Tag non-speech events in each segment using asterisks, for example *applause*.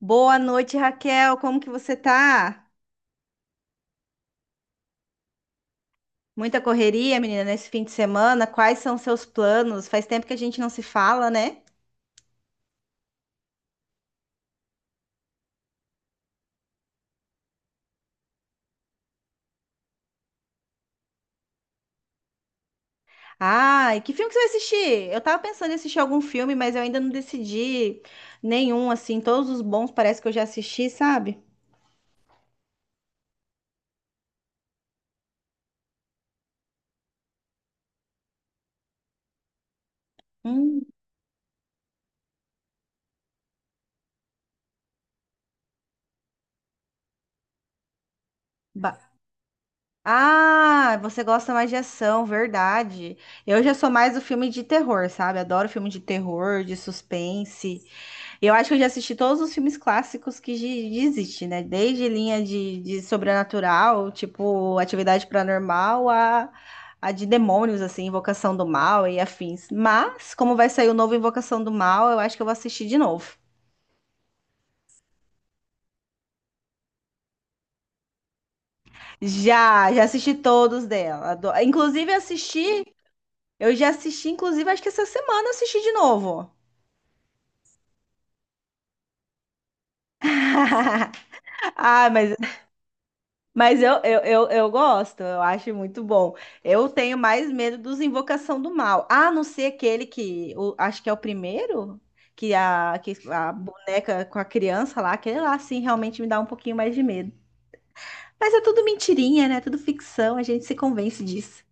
Boa noite, Raquel. Como que você tá? Muita correria, menina, nesse fim de semana. Quais são seus planos? Faz tempo que a gente não se fala, né? Ai, que filme que você vai assistir? Eu tava pensando em assistir algum filme, mas eu ainda não decidi nenhum, assim. Todos os bons parece que eu já assisti, sabe? Hum, ba- Ah, você gosta mais de ação, verdade. Eu já sou mais do filme de terror, sabe? Adoro filme de terror, de suspense. Eu acho que eu já assisti todos os filmes clássicos existe, né? Desde linha de sobrenatural, tipo atividade paranormal, a de demônios, assim, Invocação do Mal e afins. Mas, como vai sair o novo Invocação do Mal, eu acho que eu vou assistir de novo. Já, já assisti todos dela. Inclusive, assisti, eu já assisti, inclusive, acho que essa semana eu assisti de novo. *laughs* Ah, mas eu gosto, eu acho muito bom. Eu tenho mais medo dos Invocação do Mal. A não ser aquele que, o, acho que é o primeiro, que a boneca com a criança lá, aquele lá, sim, realmente me dá um pouquinho mais de medo. Mas é tudo mentirinha, né? Tudo ficção, a gente se convence disso.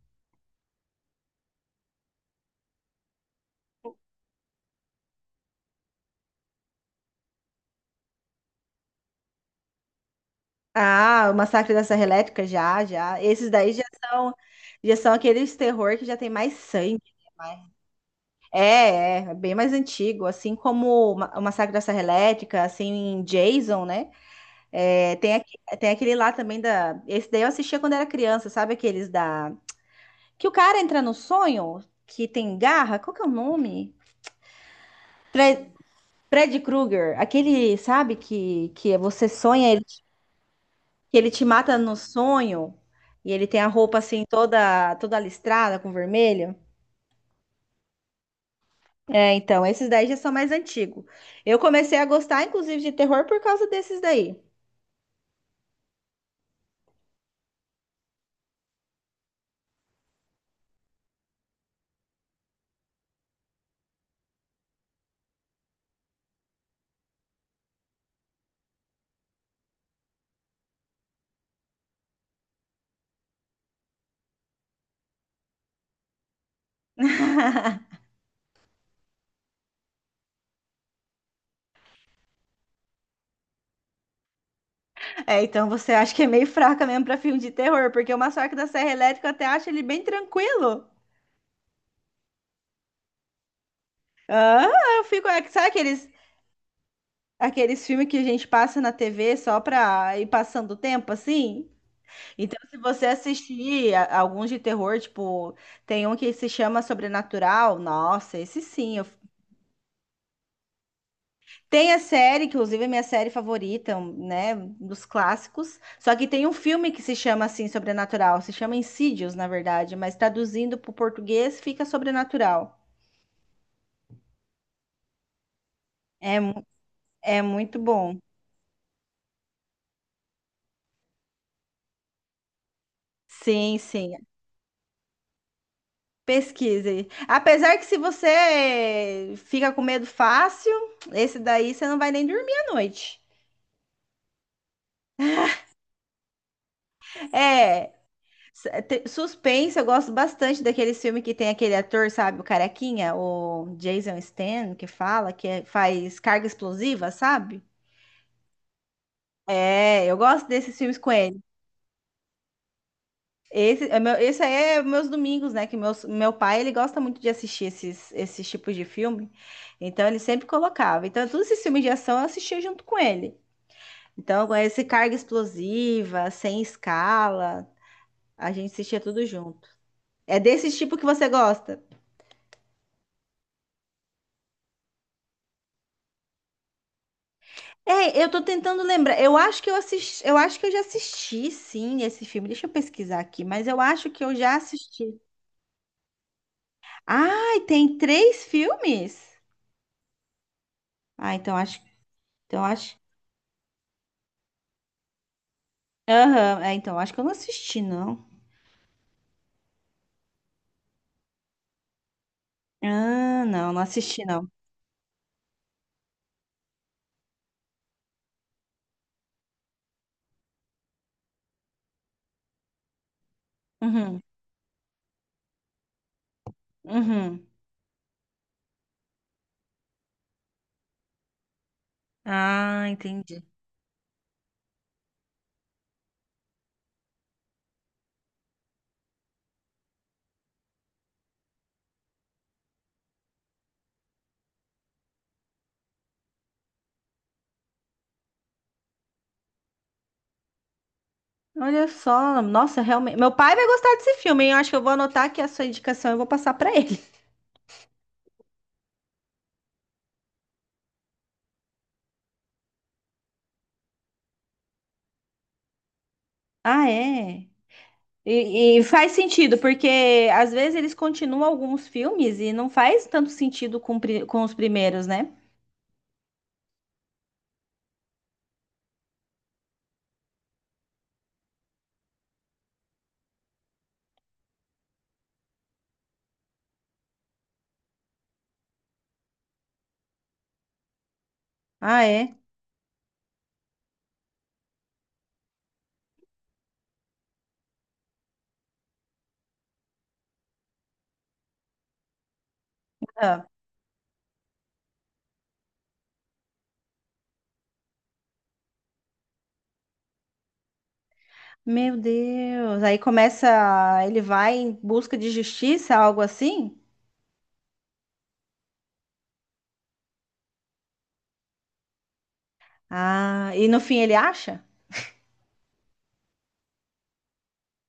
Ah, o Massacre da Serra Elétrica, já, já. Esses daí são, já são aqueles terror que já tem mais sangue. Né? É, é, é bem mais antigo, assim como o o Massacre da Serra Elétrica, assim, Jason, né? É, tem, tem aquele lá também da. Esse daí eu assistia quando era criança, sabe? Aqueles da. Que o cara entra no sonho, que tem garra, qual que é o nome? Fre- Fred Krueger, aquele, sabe, que você sonha, que ele te mata no sonho, e ele tem a roupa assim toda, toda listrada com vermelho. É, então, esses daí já são mais antigos. Eu comecei a gostar, inclusive, de terror por causa desses daí. *laughs* É, então você acha que é meio fraca mesmo pra filme de terror, porque o Massacre da Serra Elétrica eu até acho ele bem tranquilo. Ah, eu fico. Sabe aqueles, aqueles filmes que a gente passa na TV só pra ir passando o tempo assim? Então, se você assistir alguns de terror, tipo, tem um que se chama Sobrenatural, nossa, esse sim, eu tem a série, que inclusive é minha série favorita, um, né, dos clássicos. Só que tem um filme que se chama assim, Sobrenatural. Se chama Insidious, na verdade, mas traduzindo para o português fica Sobrenatural. É, mu- É muito bom. Sim, sim. Pesquise. Apesar que se você fica com medo fácil, esse daí você não vai nem dormir à noite. É, suspense, eu gosto bastante daqueles filmes que tem aquele ator, sabe, o carequinha, o Jason Statham, que fala, faz carga explosiva, sabe? É, eu gosto desses filmes com ele. Esse, é meu, esse aí é meus domingos, né? Que meus, meu pai, ele gosta muito de assistir esses, esses tipos de filme. Então, ele sempre colocava. Então, todos esses filmes de ação eu assistia junto com ele. Então, com esse Carga Explosiva, Sem Escala, a gente assistia tudo junto. É desse tipo que você gosta? É, eu tô tentando lembrar. Eu acho que eu assisti, eu acho que eu já assisti, sim, esse filme. Deixa eu pesquisar aqui, mas eu acho que eu já assisti. Ai, tem três filmes? Ah, então acho, então acho. Aham, é, então acho que eu não assisti, não. Ah, não, não assisti, não. Uhum, uhum. Ah, entendi. Olha só, nossa, realmente. Meu pai vai gostar desse filme, hein? Eu acho que eu vou anotar aqui a sua indicação e vou passar pra ele. *laughs* Ah, é? E faz sentido, porque às vezes eles continuam alguns filmes e não faz tanto sentido com, com os primeiros, né? Ah, é? Ah, meu Deus. Aí começa. Ele vai em busca de justiça, algo assim? Ah, e no fim ele acha?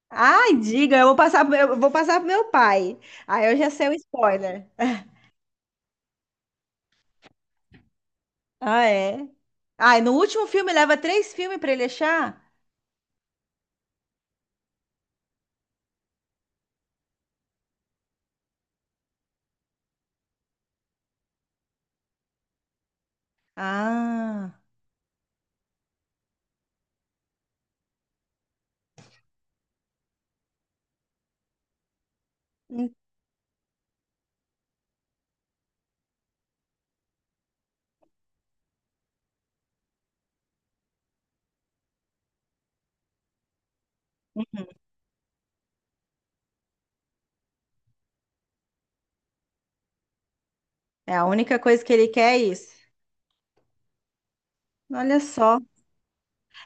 Ai, diga, eu vou passar, eu vou passar pro meu pai. Aí eu já sei o spoiler. Ah, é? Ah, e no último filme leva três filmes pra ele achar? Ah, é a única coisa que ele quer é isso. Olha só.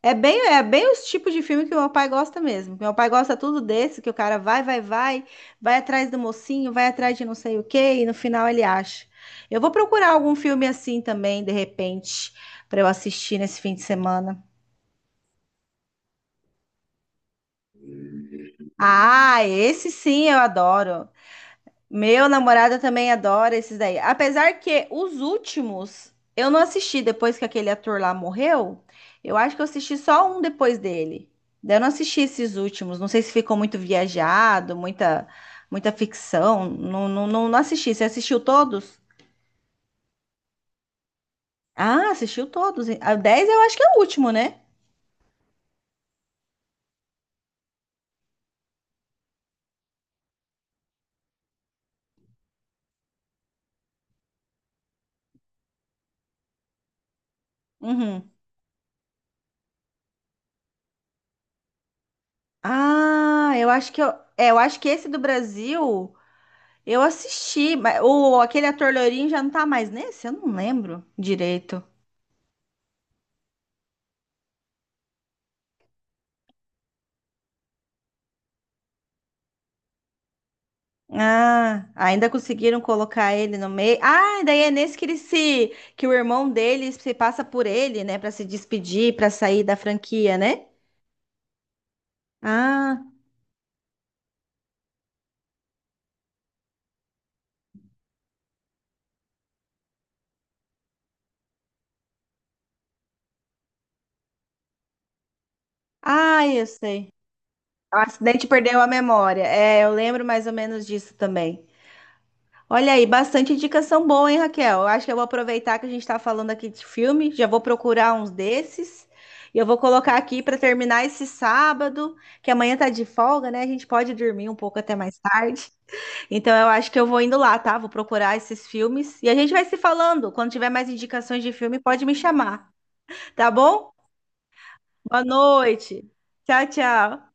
É bem os tipos de filme que meu pai gosta mesmo. Meu pai gosta tudo desse, que o cara vai atrás do mocinho, vai atrás de não sei o quê, e no final ele acha. Eu vou procurar algum filme assim também, de repente, para eu assistir nesse fim de semana. Ah, esse sim eu adoro. Meu namorado também adora esses daí. Apesar que os últimos eu não assisti depois que aquele ator lá morreu. Eu acho que eu assisti só um depois dele. Daí eu não assisti esses últimos. Não sei se ficou muito viajado, muita, muita ficção. Não, não, não, não assisti. Você assistiu todos? Ah, assistiu todos. A 10 eu acho que é o último, né? Uhum. Ah, eu acho que eu, é, eu acho que esse do Brasil eu assisti, mas o aquele ator loirinho já não tá mais nesse, eu não lembro direito. Ah, ainda conseguiram colocar ele no meio. Ah, daí é nesse que ele se, que o irmão dele se passa por ele, né, pra se despedir, pra sair da franquia, né? Ah, ah, eu sei. O acidente perdeu a memória. É, eu lembro mais ou menos disso também. Olha aí, bastante indicação boa, hein, Raquel? Eu acho que eu vou aproveitar que a gente está falando aqui de filme, já vou procurar uns desses. E eu vou colocar aqui para terminar esse sábado, que amanhã tá de folga, né? A gente pode dormir um pouco até mais tarde. Então eu acho que eu vou indo lá, tá? Vou procurar esses filmes e a gente vai se falando. Quando tiver mais indicações de filme, pode me chamar, tá bom? Boa noite. Tchau, tchau.